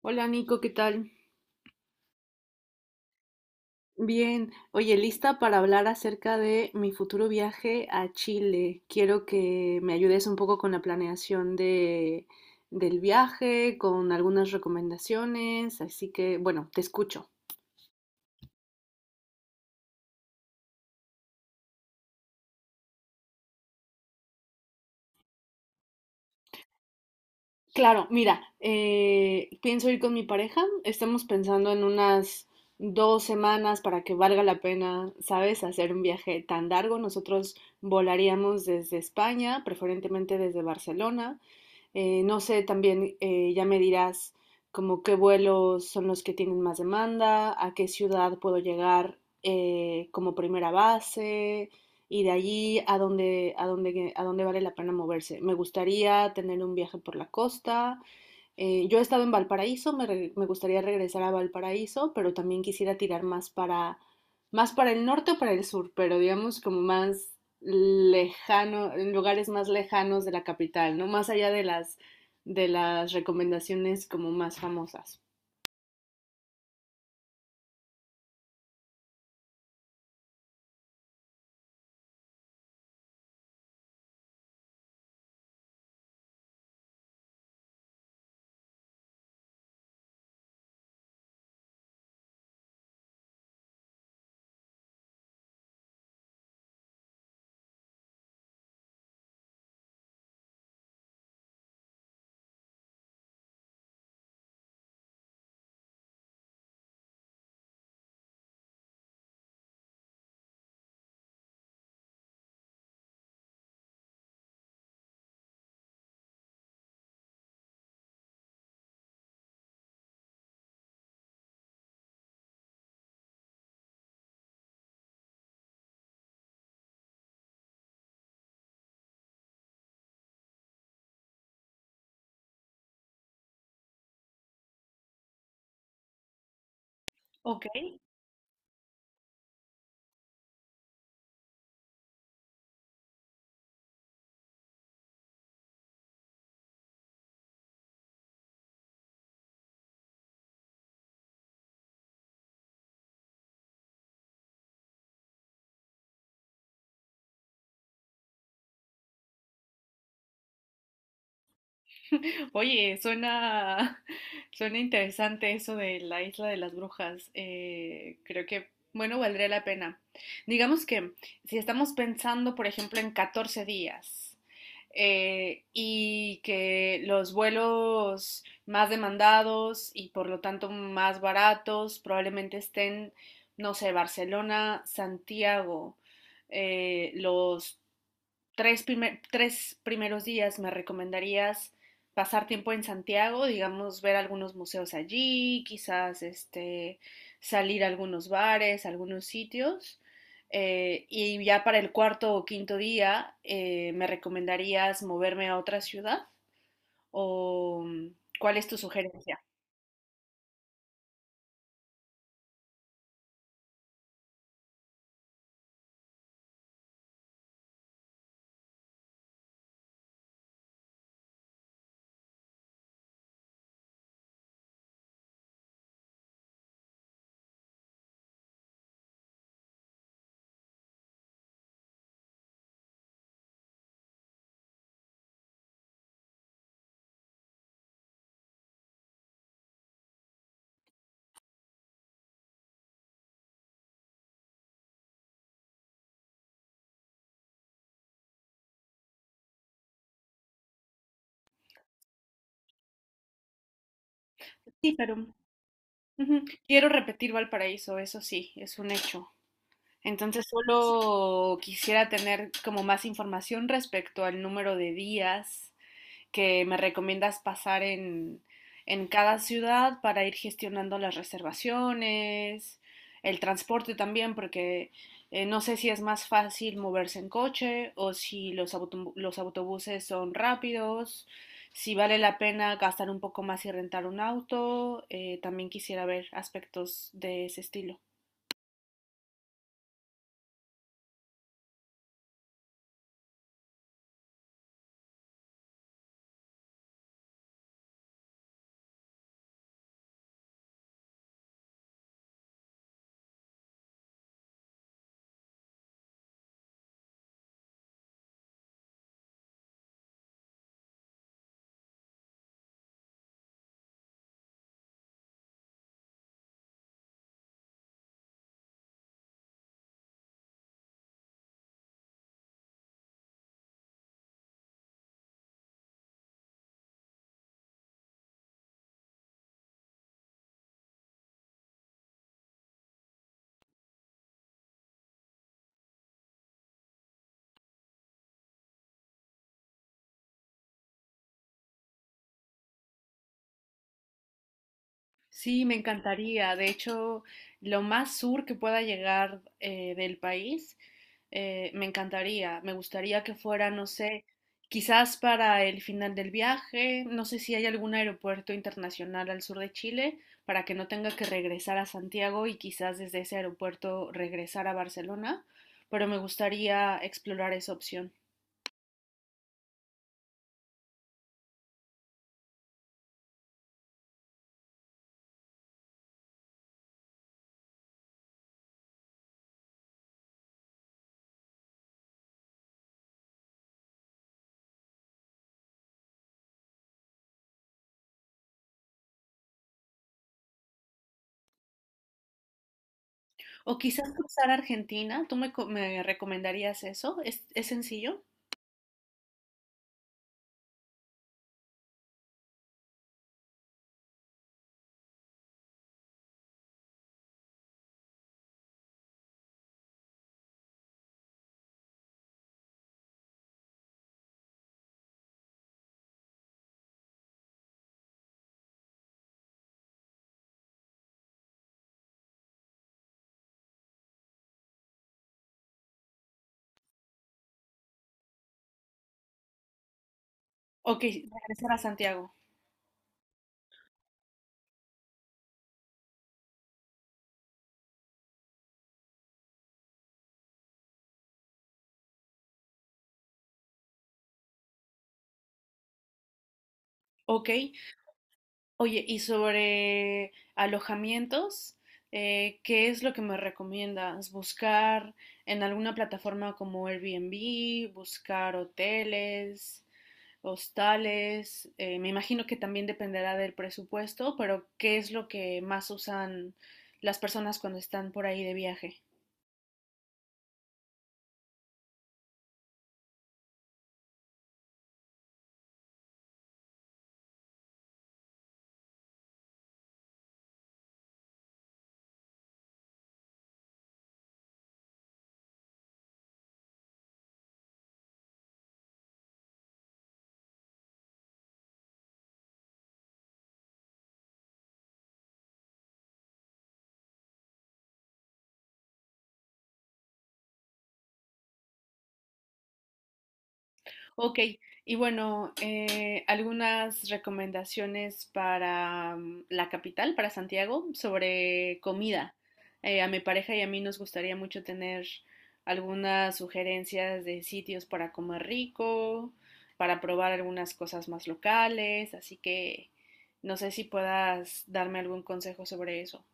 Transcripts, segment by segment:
Hola Nico, ¿qué tal? Bien, oye, lista para hablar acerca de mi futuro viaje a Chile. Quiero que me ayudes un poco con la planeación del viaje, con algunas recomendaciones, así que, bueno, te escucho. Claro, mira, pienso ir con mi pareja. Estamos pensando en unas dos semanas para que valga la pena, ¿sabes? Hacer un viaje tan largo. Nosotros volaríamos desde España, preferentemente desde Barcelona. No sé, también ya me dirás como qué vuelos son los que tienen más demanda, a qué ciudad puedo llegar como primera base y de allí a dónde vale la pena moverse. Me gustaría tener un viaje por la costa, yo he estado en Valparaíso, me gustaría regresar a Valparaíso, pero también quisiera tirar más para el norte o para el sur, pero digamos como más lejano, en lugares más lejanos de la capital, ¿no? Más allá de las recomendaciones como más famosas. Ok. Oye, suena, suena interesante eso de la isla de las brujas. Bueno, valdría la pena. Digamos que si estamos pensando, por ejemplo, en 14 días, y que los vuelos más demandados y por lo tanto más baratos probablemente estén, no sé, Barcelona, Santiago, los tres primeros días me recomendarías pasar tiempo en Santiago, digamos, ver algunos museos allí, quizás este, salir a algunos bares, a algunos sitios. Y ya para el cuarto o quinto día, ¿me recomendarías moverme a otra ciudad? ¿O cuál es tu sugerencia? Sí, pero ujú, quiero repetir Valparaíso, eso sí, es un hecho. Entonces solo quisiera tener como más información respecto al número de días que me recomiendas en cada ciudad para ir gestionando las reservaciones, el transporte también, porque no sé si es más fácil moverse en coche o si los autobuses son rápidos, si vale la pena gastar un poco más y rentar un auto. También quisiera ver aspectos de ese estilo. Sí, me encantaría. De hecho, lo más sur que pueda llegar del país, me encantaría. Me gustaría que fuera, no sé, quizás para el final del viaje. No sé si hay algún aeropuerto internacional al sur de Chile para que no tenga que regresar a Santiago y quizás desde ese aeropuerto regresar a Barcelona. Pero me gustaría explorar esa opción. O quizás cruzar a Argentina. Me recomendarías eso? Es sencillo? Ok, regresar a Santiago. Ok, oye, y sobre alojamientos, ¿qué es lo que me recomiendas? ¿Buscar en alguna plataforma como Airbnb, buscar hoteles, hostales? Me imagino que también dependerá del presupuesto, pero ¿qué es lo que más usan las personas cuando están por ahí de viaje? Ok, y bueno, algunas recomendaciones para la capital, para Santiago, sobre comida. A mi pareja y a mí nos gustaría mucho tener algunas sugerencias de sitios para comer rico, para probar algunas cosas más locales, así que no sé si puedas darme algún consejo sobre eso.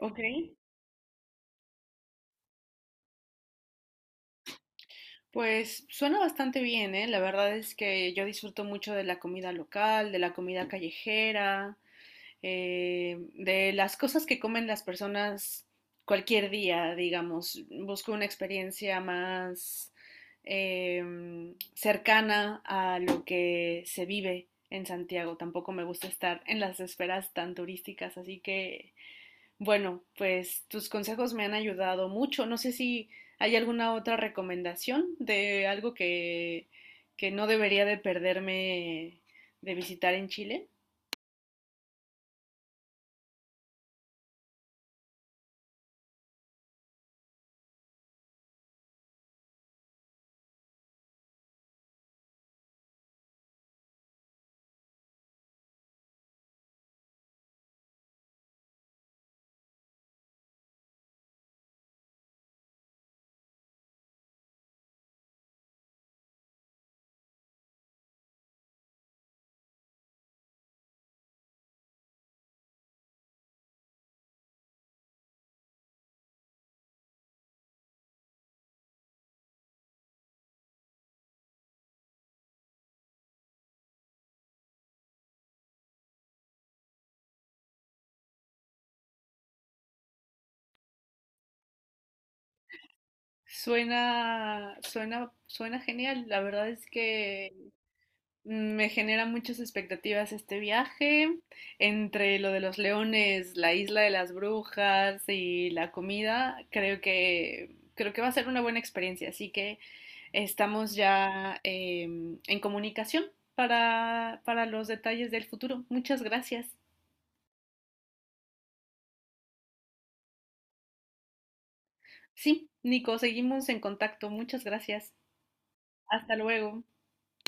Ok, pues suena bastante bien, ¿eh? La verdad es que yo disfruto mucho de la comida local, de la comida callejera. De las cosas que comen las personas cualquier día, digamos. Busco una experiencia más eh, cercana a lo que se vive en Santiago. Tampoco me gusta estar en las esferas tan turísticas, así que bueno, pues tus consejos me han ayudado mucho. No sé si hay alguna otra recomendación de algo que no debería de perderme de visitar en Chile. Suena genial. La verdad es que me genera muchas expectativas este viaje. Entre lo de los leones, la isla de las brujas y la comida, creo que va a ser una buena experiencia. Así que estamos ya em, en comunicación para los detalles del futuro. Muchas gracias. Sí, Nico, seguimos en contacto. Muchas gracias. Hasta luego.